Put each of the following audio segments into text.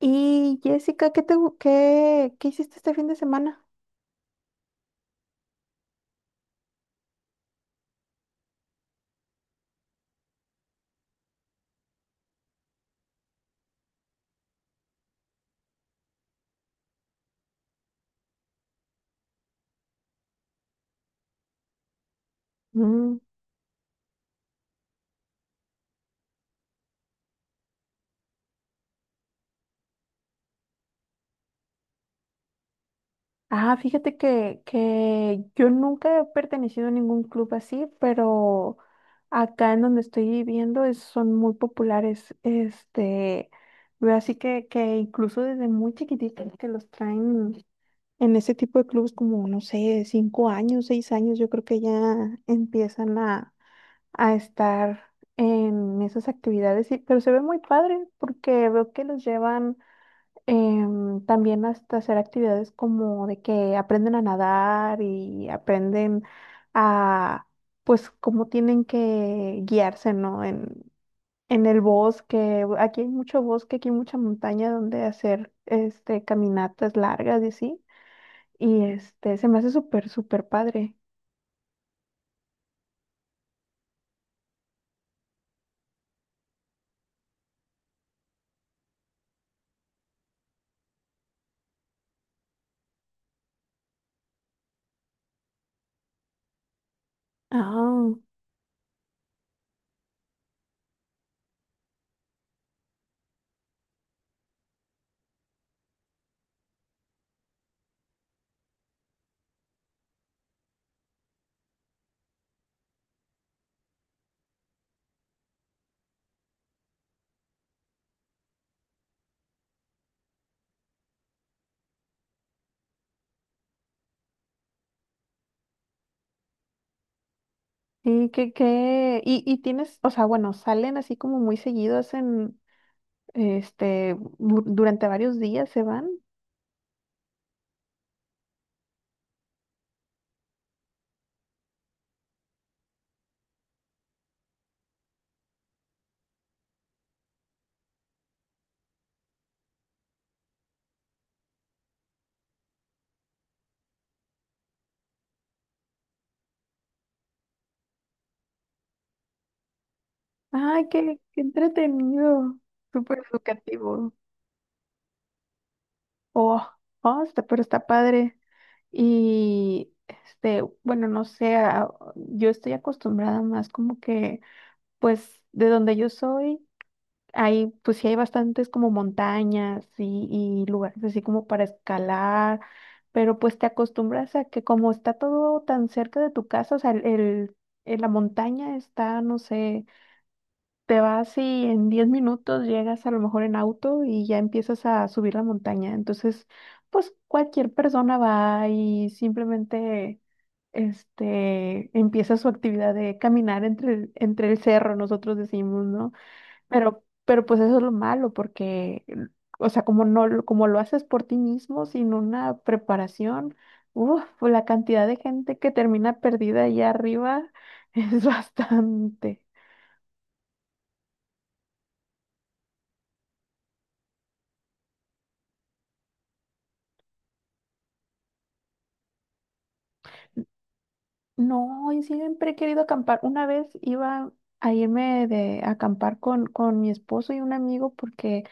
Y Jessica, ¿qué te, gu- qué, qué hiciste este fin de semana? Mm. Ah, fíjate que, yo nunca he pertenecido a ningún club así, pero acá en donde estoy viviendo es- son muy populares. Este, veo así que incluso desde muy chiquititos que los traen en ese tipo de clubes como, no sé, cinco años, seis años, yo creo que ya empiezan a estar en esas actividades, y- pero se ve muy padre porque veo que los llevan también hasta hacer actividades como de que aprenden a nadar y aprenden a, pues, cómo tienen que guiarse, ¿no? En el bosque, aquí hay mucho bosque, aquí hay mucha montaña donde hacer este, caminatas largas y así, y este, se me hace súper, súper padre. Ah. Sí, que, y tienes, o sea, bueno, salen así como muy seguidos en, este, bu- durante varios días se van. Ay, qué, qué entretenido, súper educativo. Oh, oh, está, pero está padre. Y, este, bueno, no sé, a- yo estoy acostumbrada más como que, pues, de donde yo soy. Hay, pues sí hay bastantes como montañas y lugares así como para escalar, pero pues te acostumbras a que como está todo tan cerca de tu casa, o sea, el- la montaña está, no sé, te vas y en 10 minutos llegas a lo mejor en auto y ya empiezas a subir la montaña. Entonces, pues cualquier persona va y simplemente este, empieza su actividad de caminar entre el cerro, nosotros decimos, ¿no? Pero pues eso es lo malo, porque, o sea, como no, lo- como lo haces por ti mismo, sin una preparación, uf, pues, la cantidad de gente que termina perdida allá arriba es bastante. No, yo siempre he querido acampar. Una vez iba a irme de a acampar con mi esposo y un amigo porque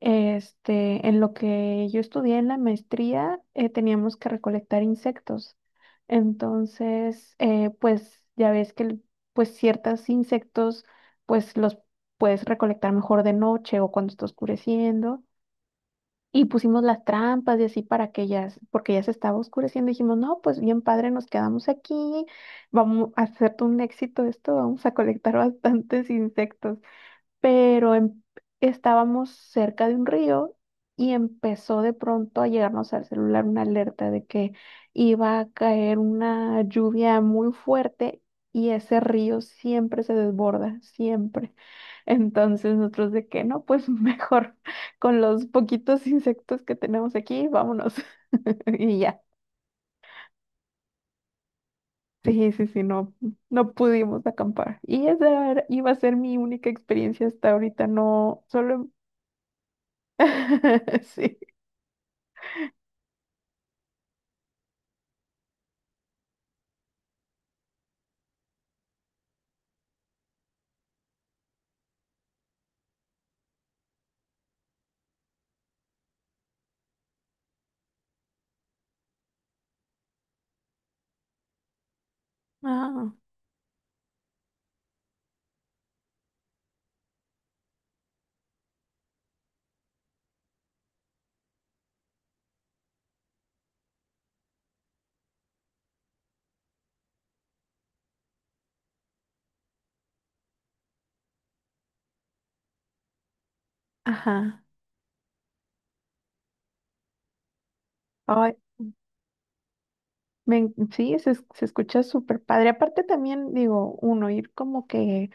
este, en lo que yo estudié en la maestría, teníamos que recolectar insectos. Entonces, pues ya ves que el- pues ciertos insectos, pues los puedes recolectar mejor de noche o cuando está oscureciendo. Y pusimos las trampas y así para que ya, s- porque ya se estaba oscureciendo. Dijimos, no, pues bien padre, nos quedamos aquí, vamos a hacer un éxito esto, vamos a colectar bastantes insectos pero em- estábamos cerca de un río y empezó de pronto a llegarnos al celular una alerta de que iba a caer una lluvia muy fuerte y ese río siempre se desborda, siempre. Entonces nosotros de que no, pues mejor con los poquitos insectos que tenemos aquí, vámonos y ya. Sí, sí, sí, no, no pudimos acampar. Y esa era- iba a ser mi única experiencia hasta ahorita, no, solo... Sí. Ah, ajá. Ay, me en- sí, se, es- se escucha súper padre. Aparte también, digo, uno, ir como que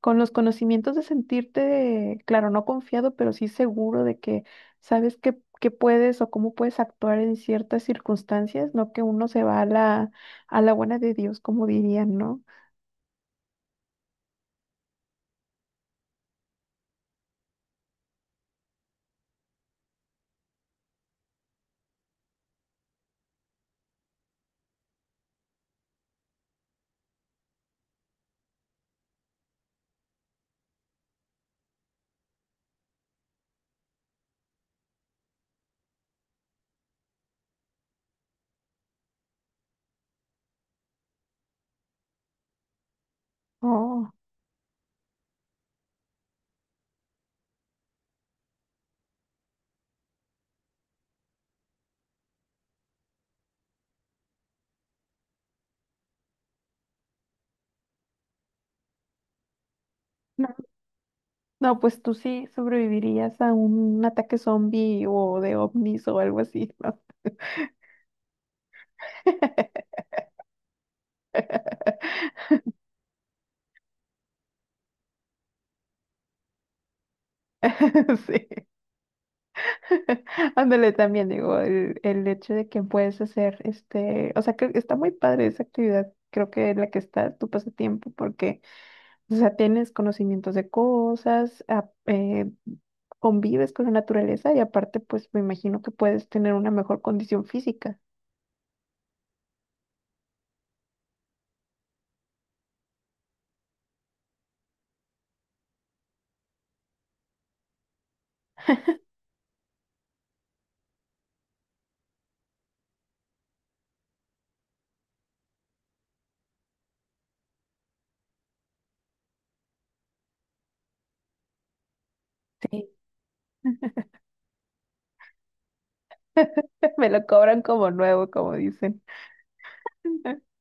con los conocimientos de sentirte, claro, no confiado, pero sí seguro de que sabes qué, qué puedes o cómo puedes actuar en ciertas circunstancias, no que uno se va a la buena de Dios, como dirían, ¿no? Oh, no, no, pues tú sí sobrevivirías a un ataque zombie o de ovnis o algo así, ¿no? Sí. Ándale también, digo, el hecho de que puedes hacer este, o sea, que está muy padre esa actividad, creo que en la que está tu pasatiempo, porque, o sea, tienes conocimientos de cosas, a- convives con la naturaleza y aparte, pues me imagino que puedes tener una mejor condición física. Sí. Me lo cobran como nuevo, como dicen.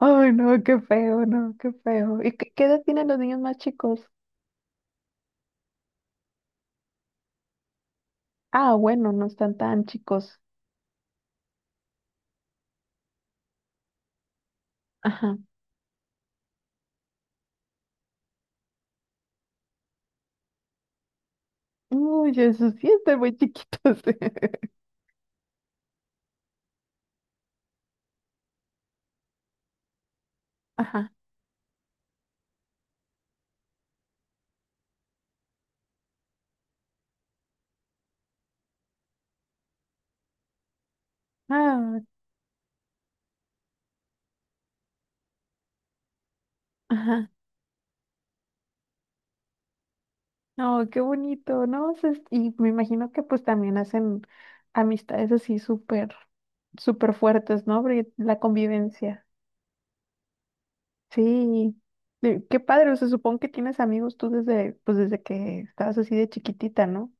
Ay, no, qué feo, no, qué feo. ¿Y qué, qué edad tienen los niños más chicos? Ah, bueno, no están tan chicos. Ajá. Uy, Jesús, sí están muy chiquitos. Ajá, ah, ajá. No, qué bonito, ¿no? O sea, es- y me imagino que pues también hacen amistades así súper, súper fuertes, ¿no? Porque la convivencia. Sí. Qué padre, o sea, supongo que tienes amigos tú desde, pues desde que estabas así de chiquitita, ¿no?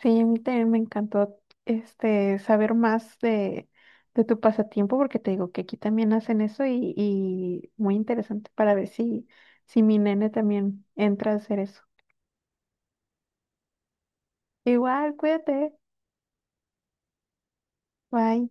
Sí, a mí también me encantó este saber más de tu pasatiempo, porque te digo que aquí también hacen eso y muy interesante para ver si, si mi nene también entra a hacer eso. Igual, cuídate. Bye.